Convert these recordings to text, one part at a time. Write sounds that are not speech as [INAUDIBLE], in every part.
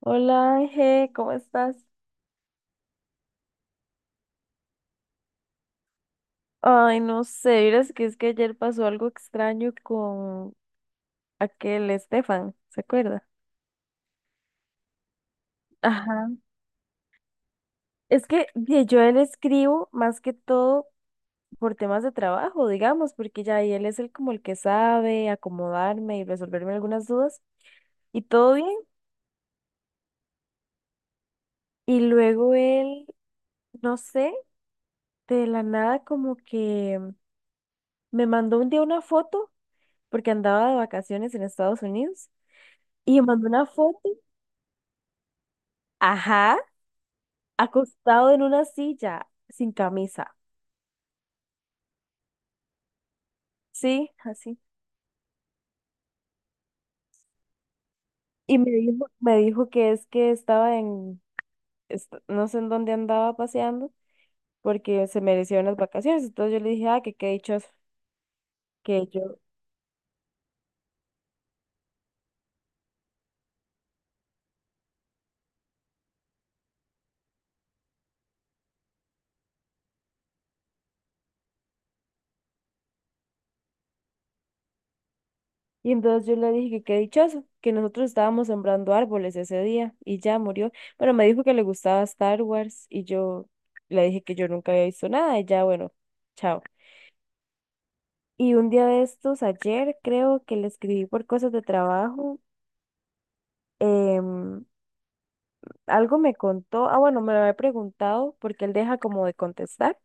Hola Ángel, ¿cómo estás? Ay, no sé, verás que es que ayer pasó algo extraño con aquel Estefan, ¿se acuerda? Ajá. Es que di, yo a él escribo más que todo por temas de trabajo, digamos, porque ya ahí él es el que sabe acomodarme y resolverme algunas dudas y todo bien. Y luego él, no sé, de la nada como que me mandó un día una foto porque andaba de vacaciones en Estados Unidos y me mandó una foto. Ajá. Acostado en una silla, sin camisa, sí, así. Y me dijo que es que no sé en dónde andaba paseando, porque se merecieron las vacaciones. Entonces yo le dije, ah, que qué dichoso, que yo. Y entonces yo le dije que qué dichoso, que nosotros estábamos sembrando árboles ese día y ya murió. Pero me dijo que le gustaba Star Wars y yo le dije que yo nunca había visto nada y ya, bueno, chao. Y un día de estos, ayer creo que le escribí por cosas de trabajo. em, Algo me contó, ah, bueno, me lo había preguntado porque él deja como de contestar.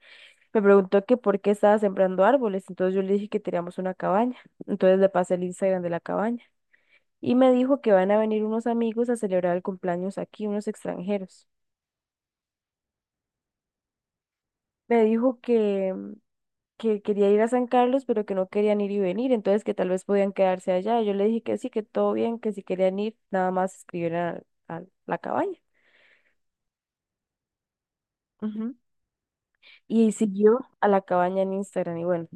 Me preguntó que por qué estaba sembrando árboles, entonces yo le dije que teníamos una cabaña. Entonces le pasé el Instagram de la cabaña y me dijo que van a venir unos amigos a celebrar el cumpleaños aquí, unos extranjeros. Me dijo que quería ir a San Carlos, pero que no querían ir y venir, entonces que tal vez podían quedarse allá. Yo le dije que sí, que todo bien, que si querían ir, nada más escribieran a la cabaña. Ujú. Y siguió a la cabaña en Instagram y bueno,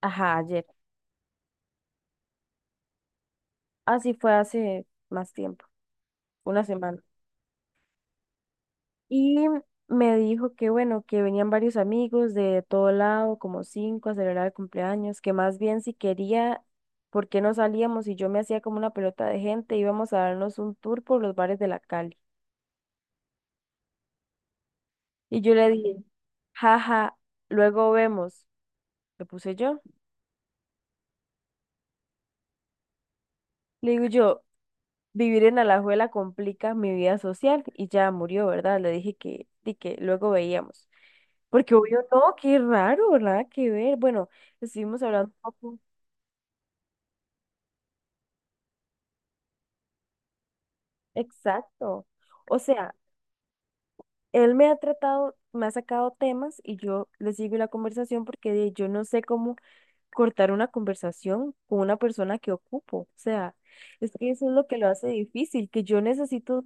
ajá, ayer. Así fue hace más tiempo, una semana. Y me dijo que bueno, que venían varios amigos de todo lado, como cinco, a celebrar el cumpleaños, que más bien si quería, ¿por qué no salíamos? Y yo me hacía como una pelota de gente, íbamos a darnos un tour por los bares de la Cali. Y yo le dije, jaja, luego vemos, le puse yo. Le digo yo, vivir en Alajuela complica mi vida social y ya murió, ¿verdad? Le dije que, y que luego veíamos. Porque obvio no, qué raro, nada que ver. Bueno, estuvimos hablando un poco. Exacto. O sea, él me ha tratado, me ha sacado temas y yo le sigo la conversación porque de- yo no sé cómo cortar una conversación con una persona que ocupo. O sea, es que eso es lo que lo hace difícil, que yo necesito,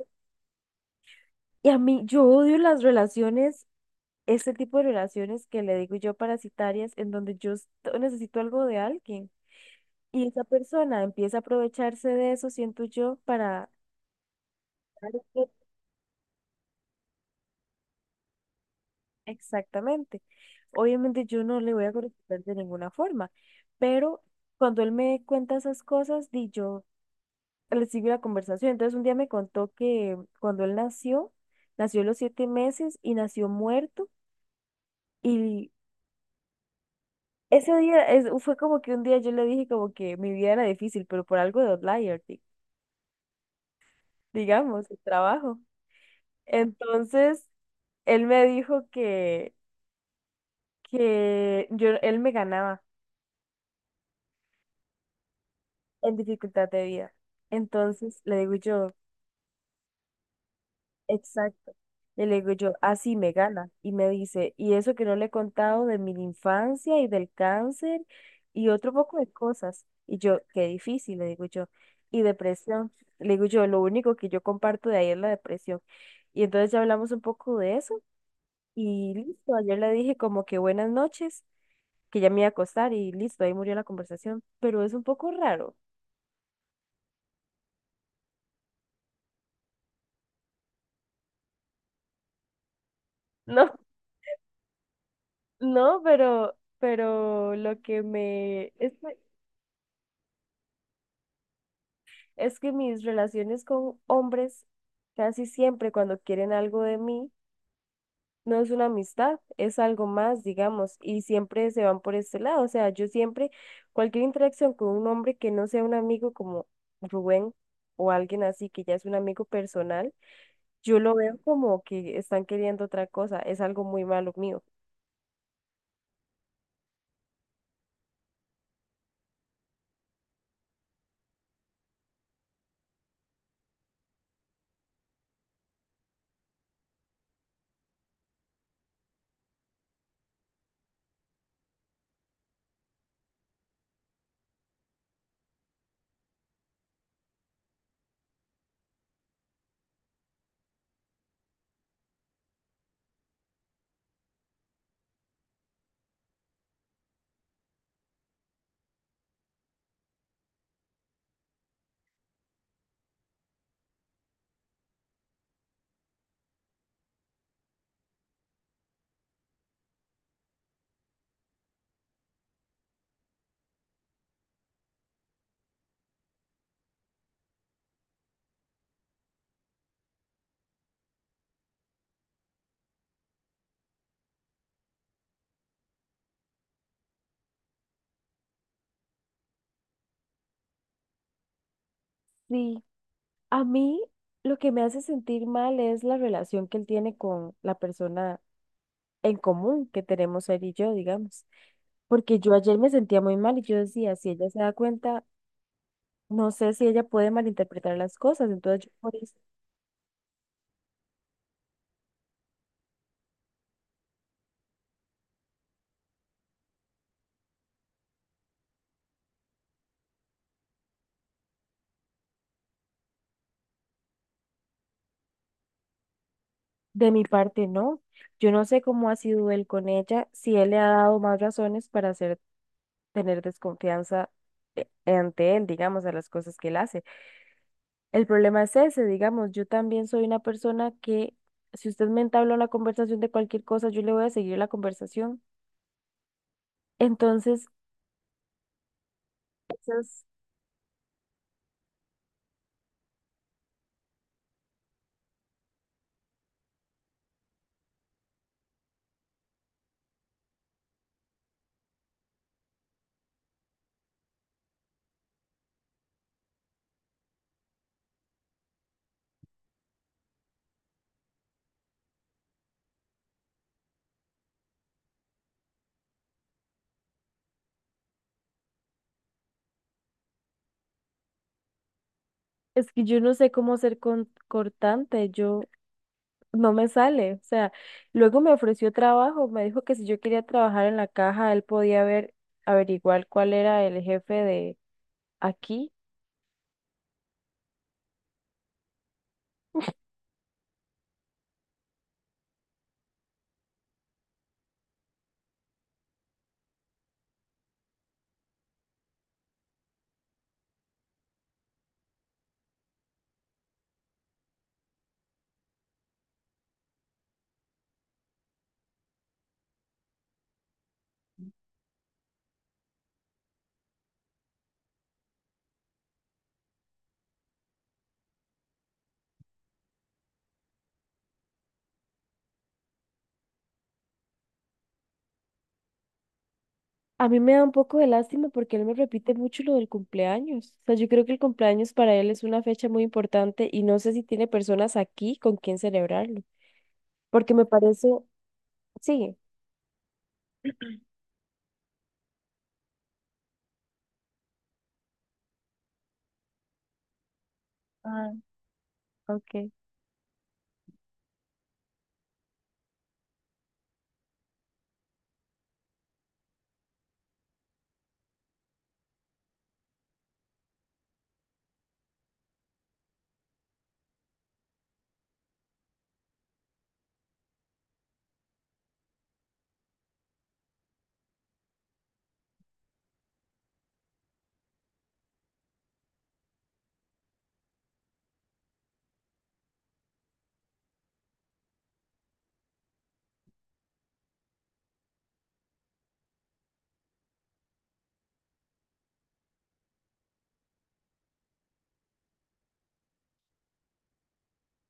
y a mí, yo odio las relaciones este tipo de relaciones que le digo yo parasitarias, en donde yo necesito algo de alguien y esa persona empieza a aprovecharse de eso, siento yo, para... Exactamente. Obviamente yo no le voy a contestar de ninguna forma, pero cuando él me cuenta esas cosas, di yo le sigo la conversación. Entonces un día me contó que cuando él nació, nació a los 7 meses y nació muerto. Y ese día fue como que un día yo le dije como que mi vida era difícil, pero por algo de outlier, digamos, el trabajo. Entonces, él me dijo que yo, él me ganaba en dificultad de vida. Entonces, le digo yo, exacto. Y le digo yo, así me gana. Y me dice, y eso que no le he contado de mi infancia y del cáncer y otro poco de cosas. Y yo, qué difícil, le digo yo. Y depresión. Le digo yo, lo único que yo comparto de ahí es la depresión. Y entonces ya hablamos un poco de eso. Y listo, ayer le dije como que buenas noches, que ya me iba a acostar y listo, ahí murió la conversación. Pero es un poco raro. [LAUGHS] No, no, pero lo que me... Es que mis relaciones con hombres, casi siempre cuando quieren algo de mí, no es una amistad, es algo más, digamos, y siempre se van por este lado. O sea, yo siempre, cualquier interacción con un hombre que no sea un amigo como Rubén o alguien así, que ya es un amigo personal, yo lo veo como que están queriendo otra cosa, es algo muy malo mío. Sí, a mí lo que me hace sentir mal es la relación que él tiene con la persona en común que tenemos él y yo, digamos. Porque yo ayer me sentía muy mal y yo decía, si ella se da cuenta, no sé si ella puede malinterpretar las cosas. Entonces, yo por eso, de mi parte, no. Yo no sé cómo ha sido él con ella, si él le ha dado más razones para hacer, tener desconfianza ante él, digamos, a las cosas que él hace. El problema es ese, digamos, yo también soy una persona que, si usted me entabla una conversación de cualquier cosa, yo le voy a seguir la conversación. Entonces, eso. Es que yo no sé cómo ser cortante, yo no me sale. O sea, luego me ofreció trabajo, me dijo que si yo quería trabajar en la caja, él podía ver, averiguar cuál era el jefe de aquí. A mí me da un poco de lástima porque él me repite mucho lo del cumpleaños. O sea, yo creo que el cumpleaños para él es una fecha muy importante y no sé si tiene personas aquí con quien celebrarlo. Porque me parece, sí, ah, ok.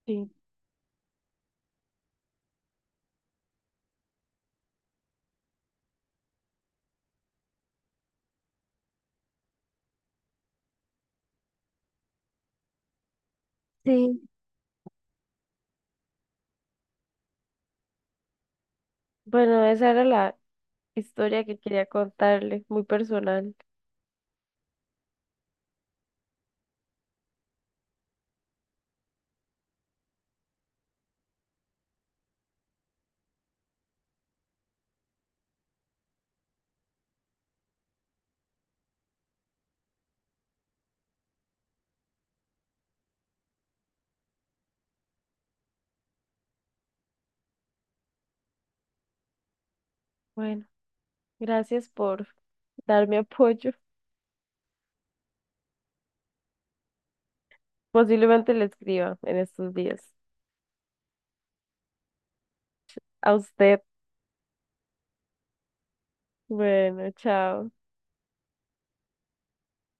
Sí. Sí. Bueno, esa era la, historia que quería contarle, muy personal. Bueno, gracias por darme [LAUGHS] apoyo. Posiblemente le escriba en estos días. A usted. Bueno, chao.